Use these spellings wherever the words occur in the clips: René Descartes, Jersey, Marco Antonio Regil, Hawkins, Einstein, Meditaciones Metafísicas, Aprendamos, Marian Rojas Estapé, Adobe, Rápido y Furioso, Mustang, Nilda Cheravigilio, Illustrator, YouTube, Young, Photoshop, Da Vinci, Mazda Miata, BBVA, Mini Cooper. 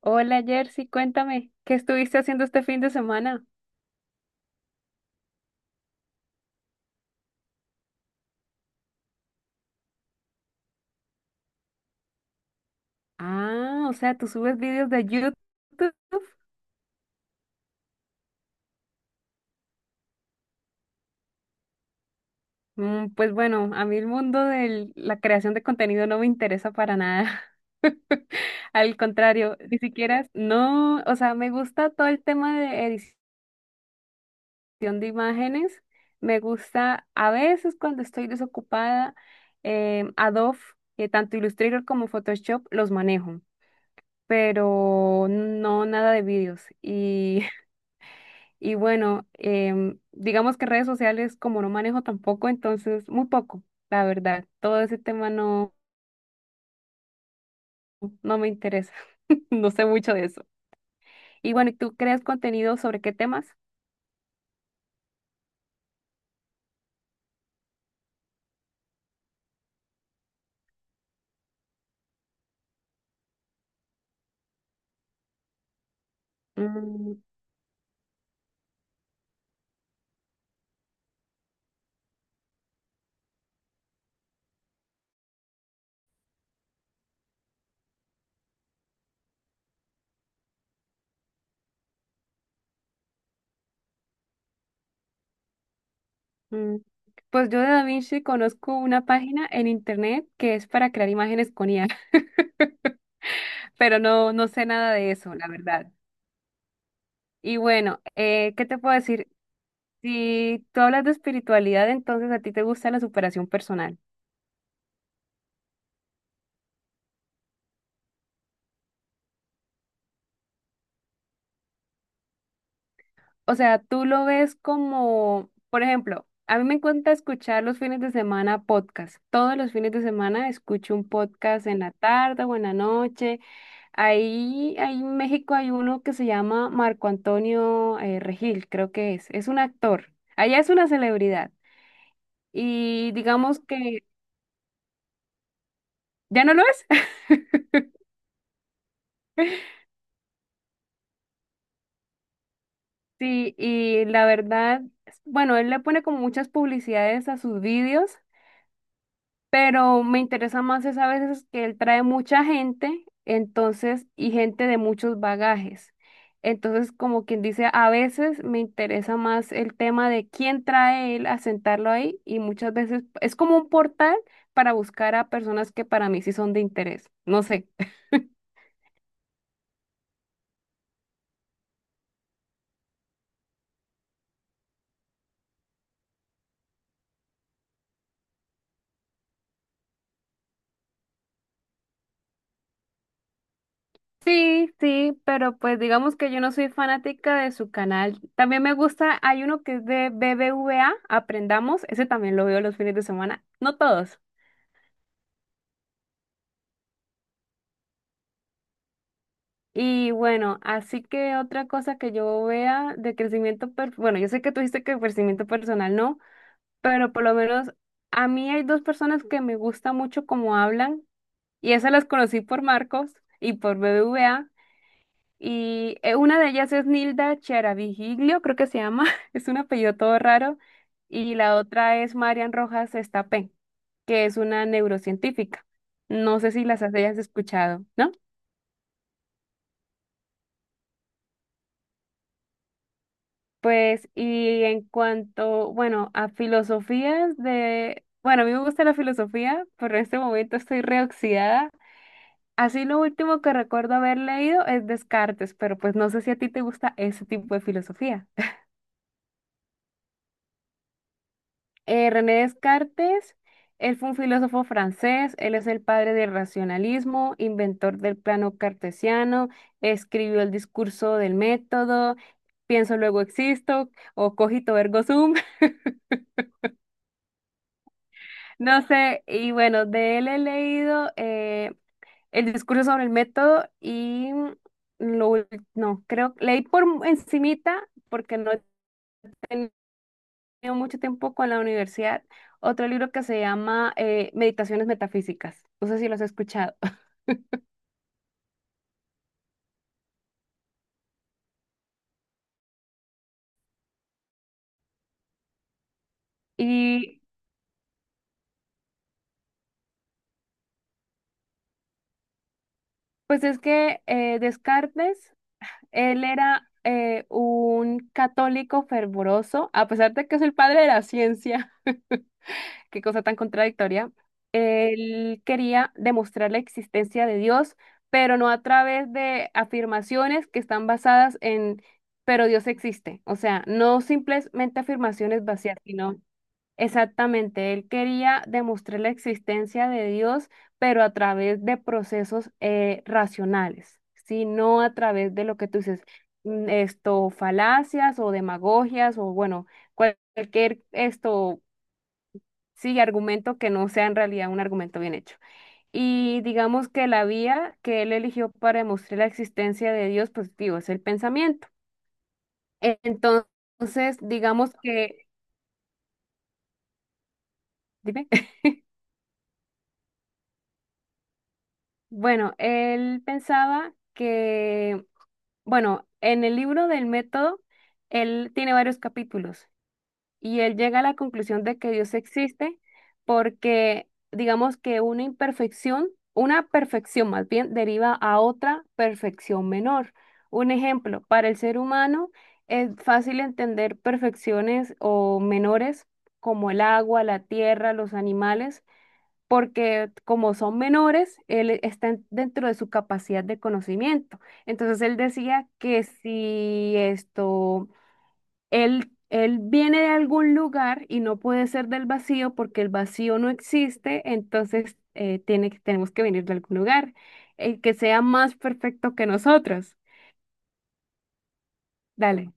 Hola Jersey, cuéntame, ¿qué estuviste haciendo este fin de semana? Ah, o sea, tú subes vídeos de YouTube. Pues bueno, a mí el mundo de la creación de contenido no me interesa para nada. Al contrario, ni siquiera, no, o sea, me gusta todo el tema de edición de imágenes. Me gusta a veces cuando estoy desocupada, Adobe, tanto Illustrator como Photoshop los manejo, pero no nada de vídeos. Y bueno, digamos que redes sociales como no manejo tampoco, entonces muy poco, la verdad. Todo ese tema no, no me interesa. No sé mucho de eso. Y bueno, ¿y tú creas contenido sobre qué temas? Mm, mm. Pues yo de Da Vinci conozco una página en internet que es para crear imágenes con IA, pero no, no sé nada de eso, la verdad. Y bueno, ¿qué te puedo decir? Si tú hablas de espiritualidad, entonces a ti te gusta la superación personal. O sea, tú lo ves como, por ejemplo, a mí me encanta escuchar los fines de semana podcast. Todos los fines de semana escucho un podcast en la tarde o en la noche. Ahí en México hay uno que se llama Marco Antonio Regil, creo que es. Es un actor. Allá es una celebridad. Y digamos que ya no lo es. Sí, y la verdad, bueno, él le pone como muchas publicidades a sus vídeos, pero me interesa más es a veces que él trae mucha gente, entonces, y gente de muchos bagajes. Entonces, como quien dice, a veces me interesa más el tema de quién trae él a sentarlo ahí y muchas veces es como un portal para buscar a personas que para mí sí son de interés. No sé. Sí, sí, pero pues digamos que yo no soy fanática de su canal. También me gusta, hay uno que es de BBVA, Aprendamos, ese también lo veo los fines de semana, no todos. Y bueno, así que otra cosa que yo vea de crecimiento, bueno, yo sé que tú dijiste que crecimiento personal no, pero por lo menos a mí hay dos personas que me gusta mucho cómo hablan y esas las conocí por Marcos y por BBVA y una de ellas es Nilda Cheravigilio, creo que se llama, es un apellido todo raro y la otra es Marian Rojas Estapé, que es una neurocientífica. No sé si las hayas escuchado, ¿no? Pues, y en cuanto, bueno, a filosofías de, bueno, a mí me gusta la filosofía, pero en este momento estoy reoxidada. Así lo último que recuerdo haber leído es Descartes, pero pues no sé si a ti te gusta ese tipo de filosofía. René Descartes, él fue un filósofo francés, él es el padre del racionalismo, inventor del plano cartesiano, escribió el discurso del método, pienso luego existo o cogito ergo sum. No sé, y bueno, de él he leído el discurso sobre el método y lo, ul- no, creo, leí por encimita porque no he tenido mucho tiempo con la universidad, otro libro que se llama Meditaciones Metafísicas, no sé si los he escuchado. Y pues es que Descartes, él era un católico fervoroso, a pesar de que es el padre de la ciencia. Qué cosa tan contradictoria. Él quería demostrar la existencia de Dios, pero no a través de afirmaciones que están basadas en, pero Dios existe. O sea, no simplemente afirmaciones vacías, sino exactamente, él quería demostrar la existencia de Dios, pero a través de procesos racionales, ¿sí? No a través de lo que tú dices, esto, falacias o demagogias o bueno cualquier esto. Sí, argumento que no sea en realidad un argumento bien hecho. Y digamos que la vía que él eligió para demostrar la existencia de Dios, pues digo, es el pensamiento. Entonces, digamos que, dime, bueno, él pensaba que, bueno, en el libro del método, él tiene varios capítulos. Y él llega a la conclusión de que Dios existe porque, digamos que una imperfección, una perfección más bien, deriva a otra perfección menor. Un ejemplo, para el ser humano es fácil entender perfecciones o menores como el agua, la tierra, los animales, porque como son menores, él está dentro de su capacidad de conocimiento. Entonces él decía que si esto él viene de algún lugar y no puede ser del vacío porque el vacío no existe, entonces tenemos que venir de algún lugar, el que sea más perfecto que nosotros. Dale,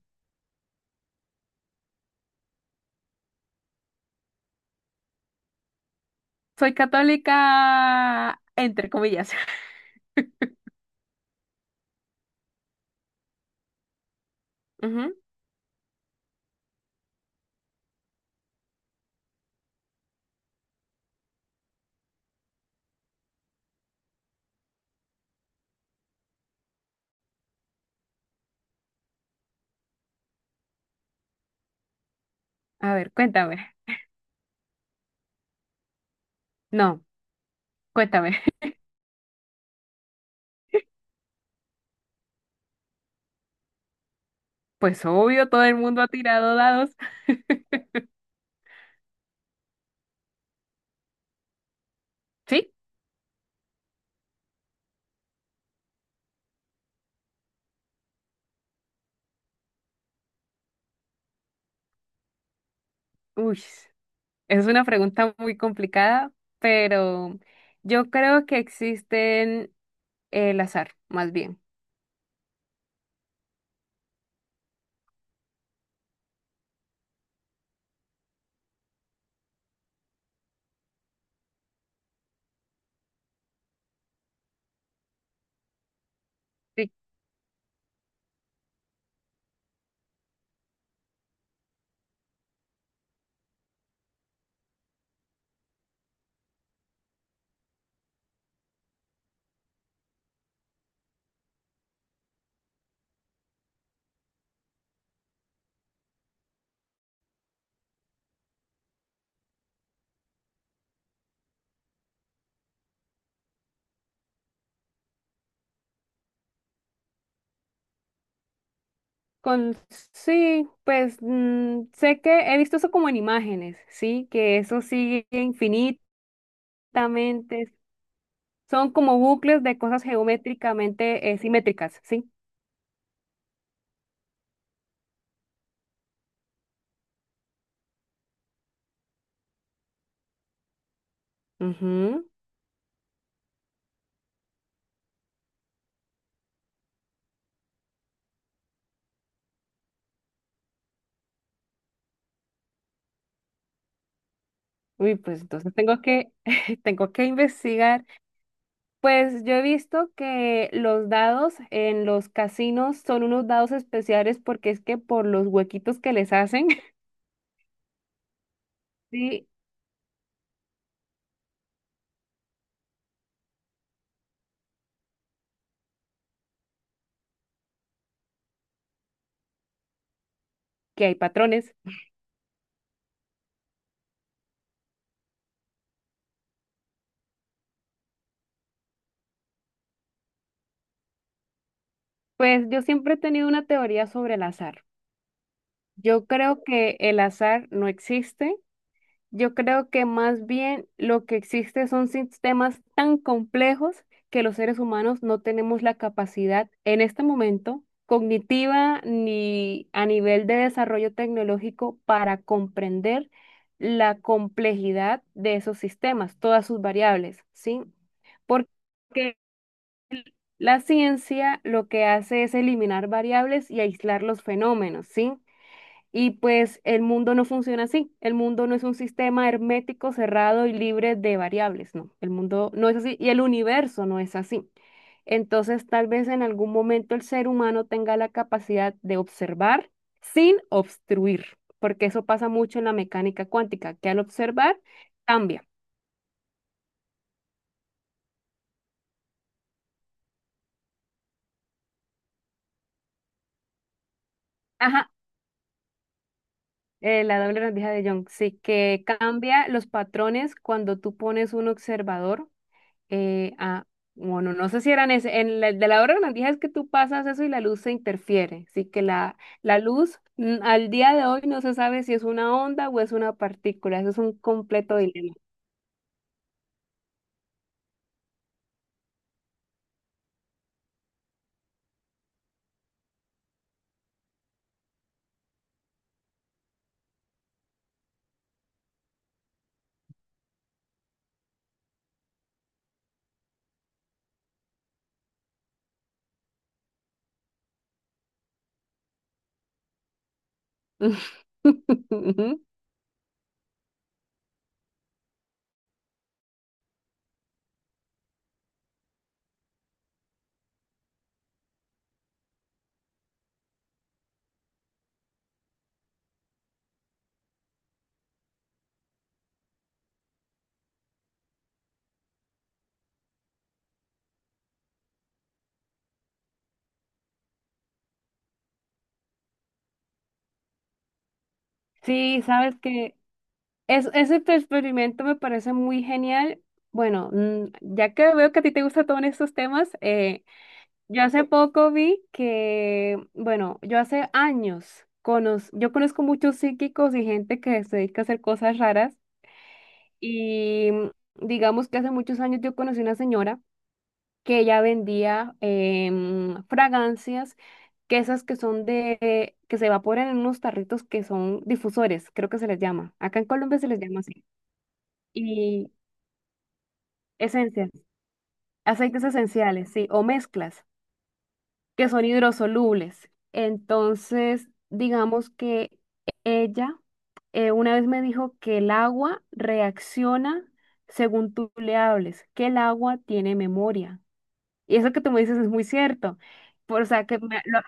soy católica, entre comillas. Ujú. A ver, cuéntame. No, cuéntame. Pues obvio, todo el mundo ha tirado dados. ¿Sí? Uy, es una pregunta muy complicada, pero yo creo que existen el azar, más bien. Sí. Con, sí, pues sé que he visto eso como en imágenes, sí, que eso sigue infinitamente, son como bucles de cosas geométricamente simétricas, sí. Ujú. Uy, pues entonces tengo que, tengo que investigar. Pues yo he visto que los dados en los casinos son unos dados especiales porque es que por los huequitos que les hacen, sí, que hay patrones. Pues yo siempre he tenido una teoría sobre el azar. Yo creo que el azar no existe. Yo creo que más bien lo que existe son sistemas tan complejos que los seres humanos no tenemos la capacidad en este momento cognitiva ni a nivel de desarrollo tecnológico para comprender la complejidad de esos sistemas, todas sus variables, ¿sí? Porque la ciencia lo que hace es eliminar variables y aislar los fenómenos, ¿sí? Y pues el mundo no funciona así. El mundo no es un sistema hermético, cerrado y libre de variables, no. El mundo no es así y el universo no es así. Entonces, tal vez en algún momento el ser humano tenga la capacidad de observar sin obstruir, porque eso pasa mucho en la mecánica cuántica, que al observar cambia. Ajá, la doble rendija de Young, sí, que cambia los patrones cuando tú pones un observador. Ah, bueno, no sé si eran ese. De la hora grandija es que tú pasas eso y la luz se interfiere. Así que la, luz al día de hoy no se sabe si es una onda o es una partícula. Eso es un completo dilema. Sí, sabes que ese tu experimento me parece muy genial. Bueno, ya que veo que a ti te gustan todos estos temas, yo hace poco vi que, bueno, yo hace años yo conozco muchos psíquicos y gente que se dedica a hacer cosas raras y digamos que hace muchos años yo conocí una señora que ella vendía fragancias, que esas que son de, que se evaporan en unos tarritos que son difusores, creo que se les llama. Acá en Colombia se les llama así. Y esencias, aceites esenciales, sí, o mezclas. Que son hidrosolubles. Entonces, digamos que ella una vez me dijo que el agua reacciona según tú le hables, que el agua tiene memoria. Y eso que tú me dices es muy cierto. Por, o sea, que me- lo-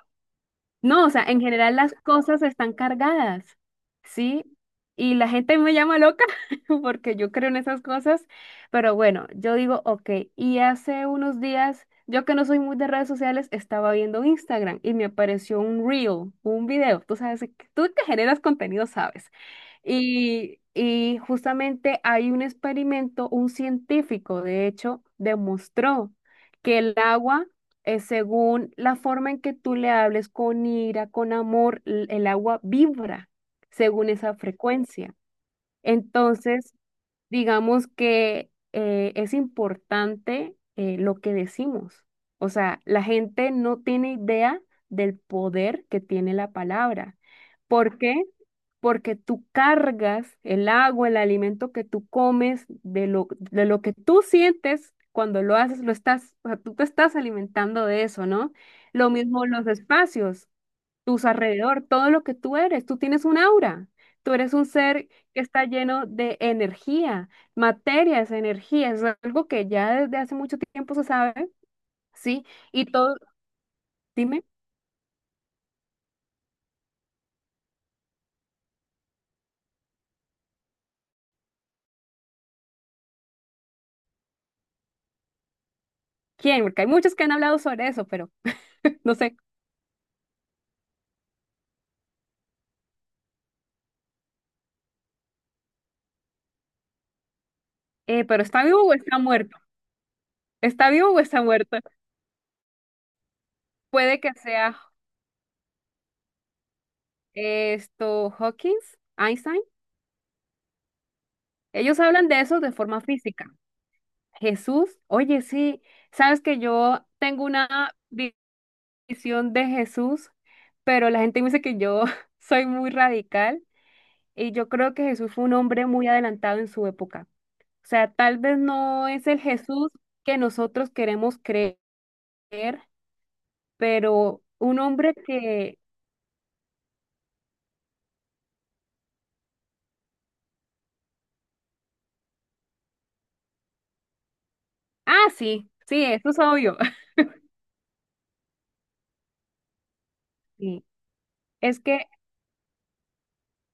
no, o sea, en general las cosas están cargadas, ¿sí? Y la gente me llama loca porque yo creo en esas cosas, pero bueno, yo digo, ok, y hace unos días, yo que no soy muy de redes sociales, estaba viendo Instagram y me apareció un reel, un video, tú sabes, tú que generas contenido, sabes. Y justamente hay un experimento, un científico, de hecho, demostró que el agua, según la forma en que tú le hables con ira, con amor, el agua vibra según esa frecuencia. Entonces, digamos que es importante lo que decimos. O sea, la gente no tiene idea del poder que tiene la palabra. ¿Por qué? Porque tú cargas el agua, el alimento que tú comes, de lo que tú sientes cuando lo haces, lo estás, o sea, tú te estás alimentando de eso, ¿no? Lo mismo los espacios tus alrededor, todo lo que tú eres. Tú tienes un aura. Tú eres un ser que está lleno de energía, materia es energía. Es algo que ya desde hace mucho tiempo se sabe, ¿sí? Y todo, dime, ¿quién? Porque hay muchos que han hablado sobre eso, pero no sé. Pero ¿está vivo o está muerto? ¿Está vivo o está muerto? Puede que sea esto, Hawkins, Einstein. Ellos hablan de eso de forma física. Jesús, oye, sí, sabes que yo tengo una visión de Jesús, pero la gente me dice que yo soy muy radical y yo creo que Jesús fue un hombre muy adelantado en su época. O sea, tal vez no es el Jesús que nosotros queremos creer, pero un hombre que... Ah, sí, sí, eso es obvio. Sí, es que,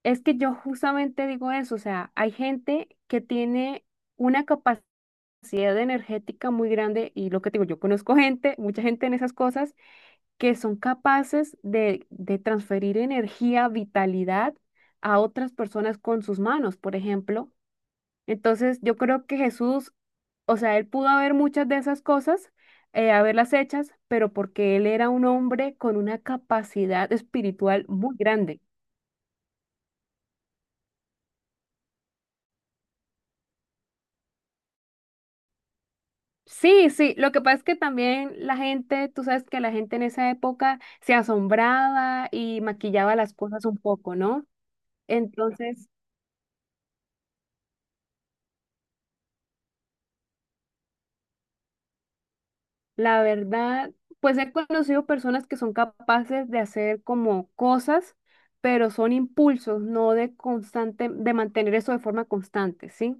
es que yo justamente digo eso, o sea, hay gente que tiene una capacidad energética muy grande y lo que te digo, yo conozco gente, mucha gente en esas cosas que son capaces de transferir energía, vitalidad a otras personas con sus manos, por ejemplo. Entonces, yo creo que Jesús, o sea, él pudo haber muchas de esas cosas, haberlas hechas, pero porque él era un hombre con una capacidad espiritual muy grande. Sí, sí, lo que pasa es que también la gente, tú sabes que la gente en esa época se asombraba y maquillaba las cosas un poco, ¿no? Entonces, la verdad, pues he conocido personas que son capaces de hacer como cosas, pero son impulsos, no de constante, de mantener eso de forma constante, ¿sí?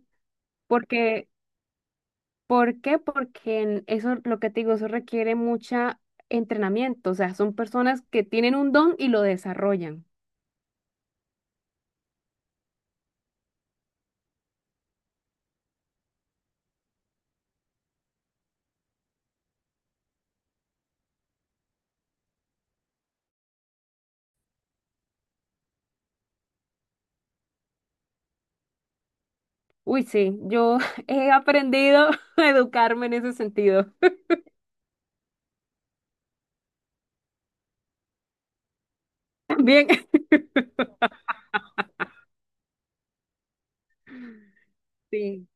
Porque, ¿por qué? Porque en eso, lo que te digo, eso requiere mucha entrenamiento, o sea, son personas que tienen un don y lo desarrollan. Uy, sí, yo he aprendido a educarme en ese sentido. Bien. Sí.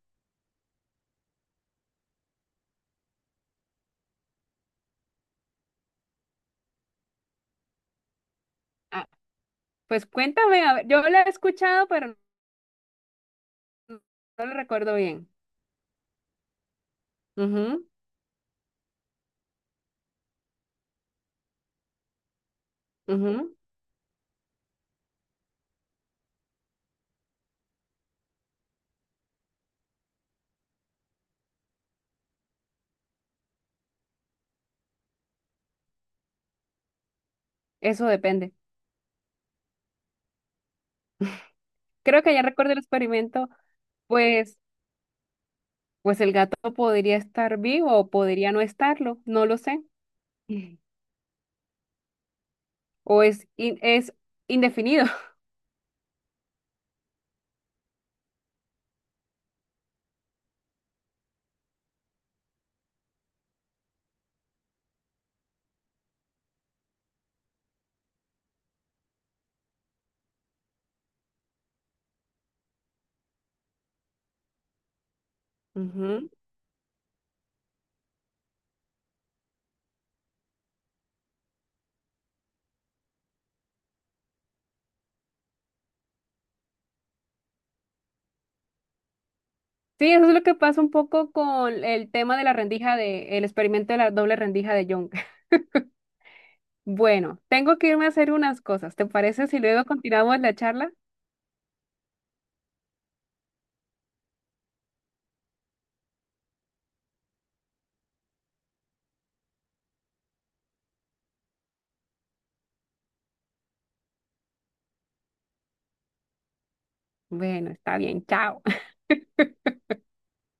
Ah, pues cuéntame, a ver, yo la he escuchado, pero no lo recuerdo bien. Ujú, ujú. Eso depende. Creo que ya recuerdo el experimento, pues, pues el gato podría estar vivo o podría no estarlo, no lo sé. Mm. O es indefinido. Ujú. Sí, eso es lo que pasa un poco con el tema de la rendija de, el experimento de la doble rendija de Young. Bueno, tengo que irme a hacer unas cosas. ¿Te parece si luego continuamos la charla? Bueno, está bien, chao.